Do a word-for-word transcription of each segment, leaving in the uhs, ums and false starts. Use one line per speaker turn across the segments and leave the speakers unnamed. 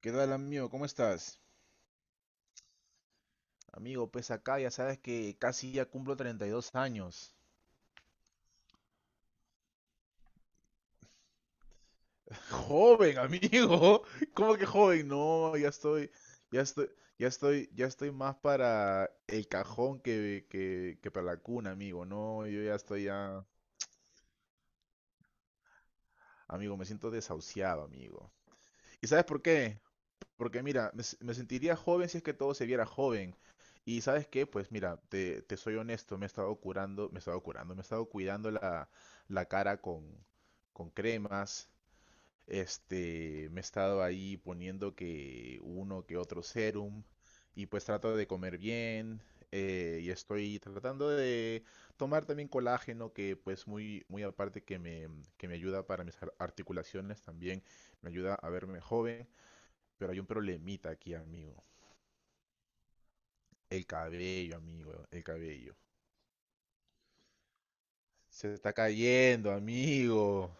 ¿Qué tal, amigo? ¿Cómo estás? Amigo, pues acá ya sabes que casi ya cumplo treinta y dos años. Joven, amigo. ¿Cómo que joven? No, ya estoy, ya estoy, ya estoy, ya estoy más para el cajón que, que, que para la cuna, amigo. No, yo ya estoy ya, amigo, me siento desahuciado, amigo. ¿Y sabes por qué? Porque mira, me, s- me sentiría joven si es que todo se viera joven. Y ¿sabes qué? Pues mira, te, te soy honesto, me he estado curando, me he estado curando, me he estado cuidando la, la cara con, con cremas. Este, me he estado ahí poniendo que uno que otro serum. Y pues trato de comer bien. Eh, y estoy tratando de tomar también colágeno, que pues muy, muy aparte que me, que me ayuda para mis ar- articulaciones también, me ayuda a verme joven. Pero hay un problemita aquí, amigo. El cabello, amigo, el cabello. Se está cayendo, amigo.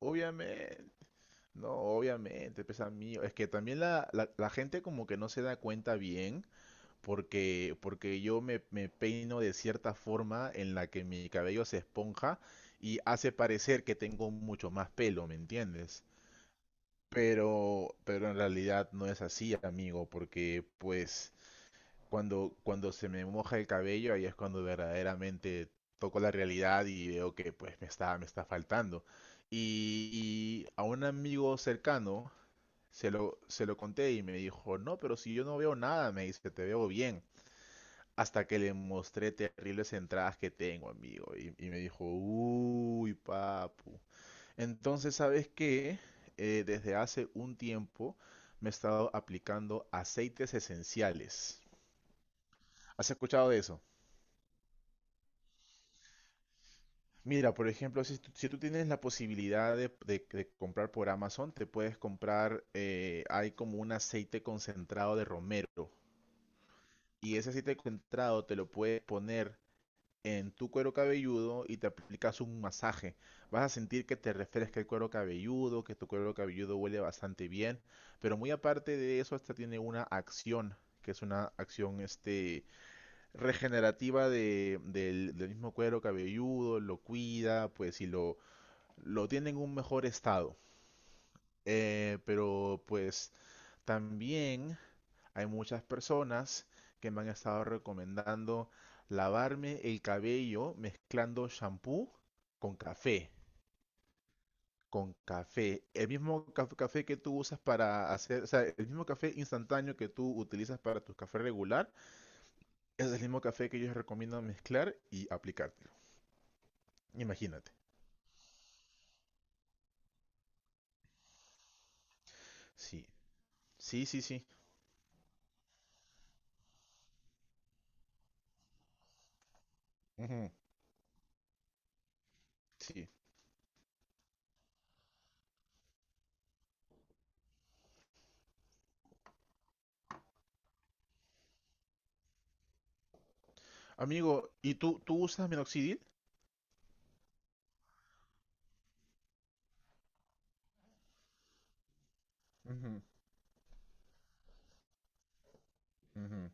Obviamente. No, obviamente, pues amigo. Es que también la, la, la gente como que no se da cuenta bien porque, porque yo me, me peino de cierta forma en la que mi cabello se esponja y hace parecer que tengo mucho más pelo, ¿me entiendes? Pero, pero en realidad no es así, amigo, porque pues Cuando, cuando se me moja el cabello, ahí es cuando verdaderamente toco la realidad y veo que pues me está, me está faltando. Y, y a un amigo cercano se lo, se lo conté y me dijo, no, pero si yo no veo nada, me dice, te veo bien. Hasta que le mostré terribles entradas que tengo, amigo. Y, y me dijo, uy, papu. Entonces, ¿sabes qué? Eh, desde hace un tiempo me he estado aplicando aceites esenciales. ¿Has escuchado de eso? Mira, por ejemplo, si, tú- si tú tienes la posibilidad de, de- de comprar por Amazon, te puedes comprar, eh, hay como un aceite concentrado de romero. Y ese aceite concentrado te lo puedes poner en tu cuero cabelludo y te aplicas un masaje. Vas a sentir que te refresca el cuero cabelludo, que tu cuero cabelludo huele bastante bien. Pero muy aparte de eso, hasta tiene una acción, que es una acción este, regenerativa de- del, del mismo cuero cabelludo, lo cuida, pues si lo lo tiene en un mejor estado. Eh, pero pues también hay muchas personas que me han estado recomendando lavarme el cabello mezclando shampoo con café. Con café. El mismo caf- café que tú usas para hacer, o sea, el mismo café instantáneo que tú utilizas para tu café regular, es el mismo café que yo recomiendo mezclar y aplicártelo. Imagínate. Sí, sí, sí, sí. Ujú, sí. Amigo, ¿y tú, tú usas minoxidil? Ujú, ujú.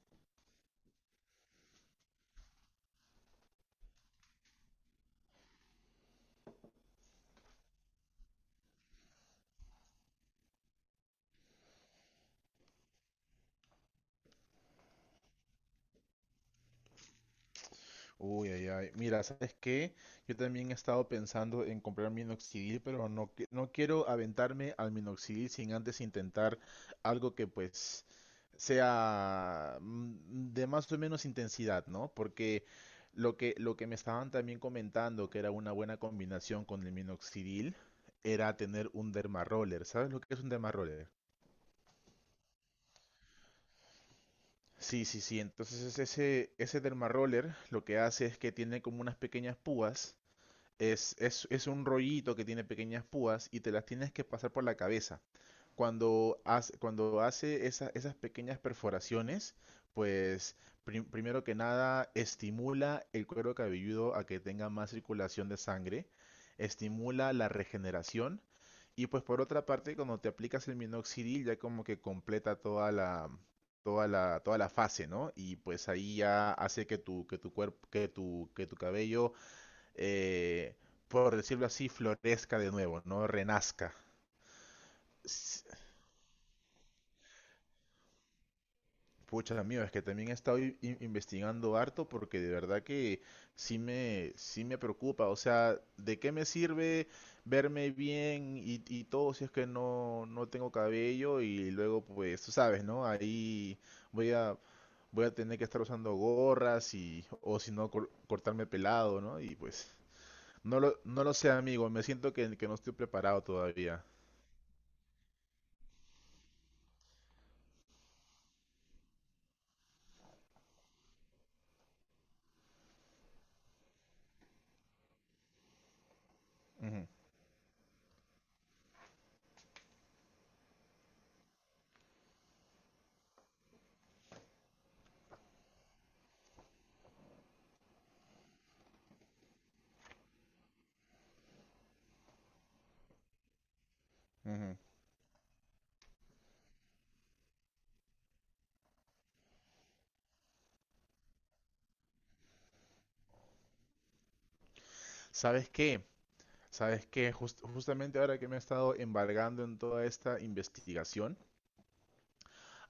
Uy, ay, ay. Mira, ¿sabes qué? Yo también he estado pensando en comprar minoxidil, pero no, qui- no quiero aventarme al minoxidil sin antes intentar algo que pues sea mm, de más o menos intensidad, ¿no? Porque lo que, lo que me estaban también comentando que era una buena combinación con el minoxidil era tener un dermaroller. ¿Sabes lo que es un dermaroller? Sí, sí, sí. Entonces ese, ese dermaroller lo que hace es que tiene como unas pequeñas púas. Es, es, es un rollito que tiene pequeñas púas y te las tienes que pasar por la cabeza. Cuando hace, cuando hace esa- esas pequeñas perforaciones, pues prim- primero que nada estimula el cuero cabelludo a que tenga más circulación de sangre, estimula la regeneración y pues por otra parte cuando te aplicas el minoxidil ya como que completa toda la, toda la, toda la fase, ¿no? Y pues ahí ya hace que tu, que tu cuerpo, que tu, que tu cabello eh, por decirlo así, florezca de nuevo, ¿no? Renazca. Pucha, amigo, es que también he estado i- in- investigando harto porque de verdad que sí me, sí me preocupa. O sea, ¿de qué me sirve verme bien y, y todo si es que no, no tengo cabello? Y luego, pues, tú sabes, ¿no? Ahí voy a, voy a tener que estar usando gorras y, o si no, cor- cortarme pelado, ¿no? Y pues, no lo, no lo sé, amigo, me siento que, que no estoy preparado todavía. Ujú, ujú. ¿Sabes qué? ¿Sabes qué? Jus- justamente ahora que me he estado embargando en toda esta investigación,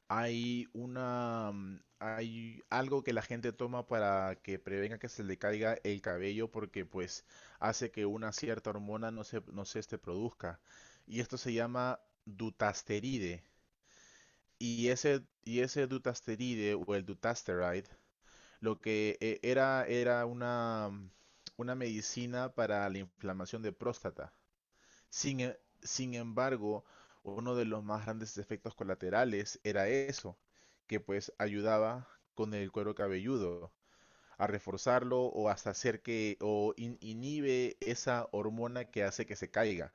hay una, mm, hay algo que la gente toma para que prevenga que se le caiga el cabello porque pues hace que una cierta hormona no se, no se este, produzca. Y esto se llama dutasteride. Y ese, y ese dutasteride o el dutasteride lo que eh, era, era una, una medicina para la inflamación de próstata. Sin, e- sin embargo, uno de los más grandes efectos colaterales era eso, que pues ayudaba con el cuero cabelludo a reforzarlo o hasta hacer que o in- inhibe esa hormona que hace que se caiga.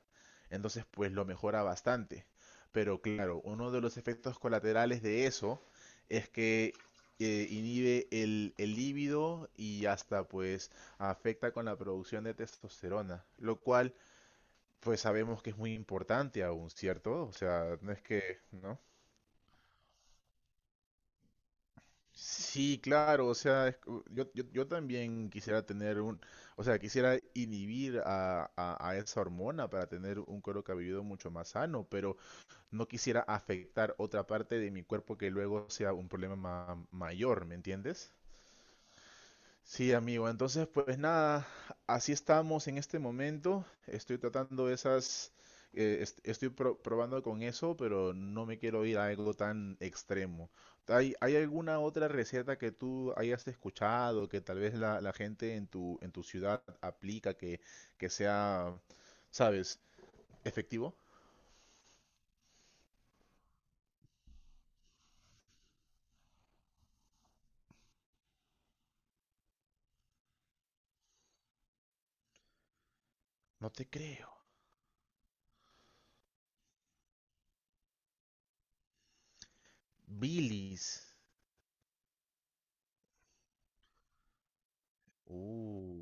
Entonces, pues lo mejora bastante. Pero claro, uno de los efectos colaterales de eso es que eh, inhibe el, el líbido y hasta pues afecta con la producción de testosterona, lo cual pues sabemos que es muy importante aún, ¿cierto? O sea, no es que, ¿no? Sí, claro, o sea, es co- yo, yo, yo también quisiera tener un, o sea, quisiera inhibir a, a, a esa hormona para tener un cuero cabelludo mucho más sano, pero no quisiera afectar otra parte de mi cuerpo que luego sea un problema ma- mayor, ¿me entiendes? Sí, amigo. Entonces, pues nada, así estamos en este momento. Estoy tratando esas, eh, est- estoy pro- probando con eso, pero no me quiero ir a algo tan extremo. ¿Hay, hay alguna otra receta que tú hayas escuchado, que tal vez la, la gente en tu, en tu ciudad aplica, que, que sea, sabes, efectivo? No te creo. Bilis. Uh.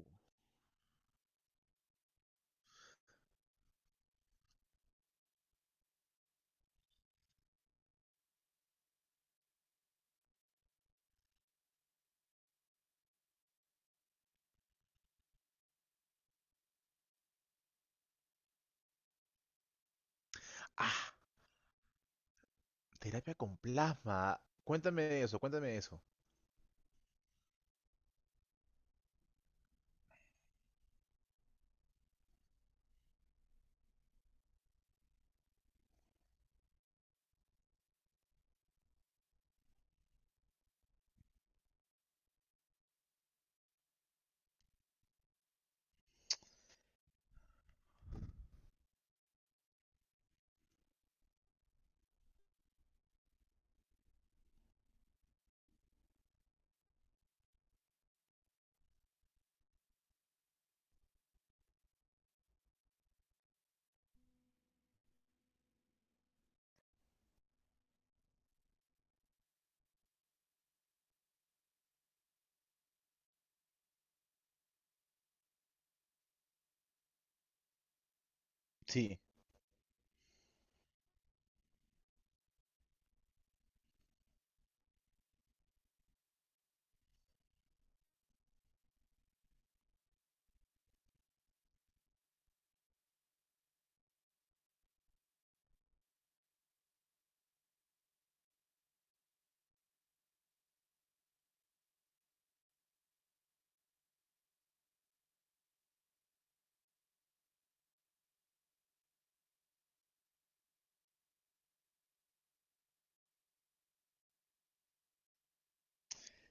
Ah, terapia con plasma. Cuéntame eso, cuéntame eso.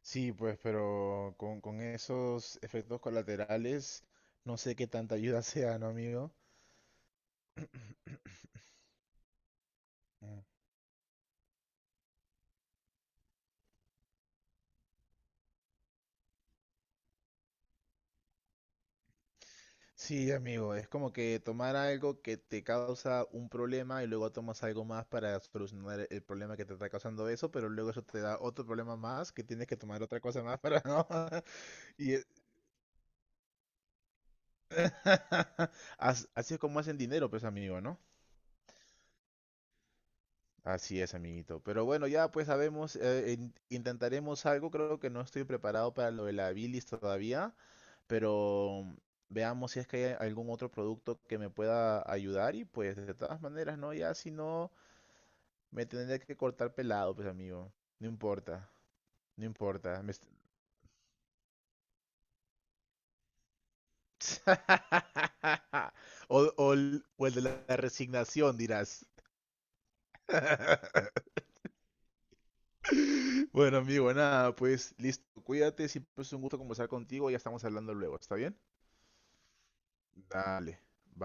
Sí, pues, pero con, con esos efectos colaterales, no sé qué tanta ayuda sea, ¿no, amigo? Mm. Sí, amigo, es como que tomar algo que te causa un problema y luego tomas algo más para solucionar el problema que te está causando eso, pero luego eso te da otro problema más que tienes que tomar otra cosa más para no. Y es- As- así es como hacen dinero, pues, amigo, ¿no? Así es, amiguito. Pero bueno, ya pues sabemos, eh, in- intentaremos algo. Creo que no estoy preparado para lo de la bilis todavía, pero veamos si es que hay algún otro producto que me pueda ayudar y pues de todas maneras, ¿no? Ya si no, me tendré que cortar pelado, pues amigo. No importa, no importa. me est- O, o el o el de la resignación, dirás. Bueno, amigo, nada, pues listo. Cuídate, siempre es un gusto conversar contigo. Ya estamos hablando luego, ¿está bien? Dale.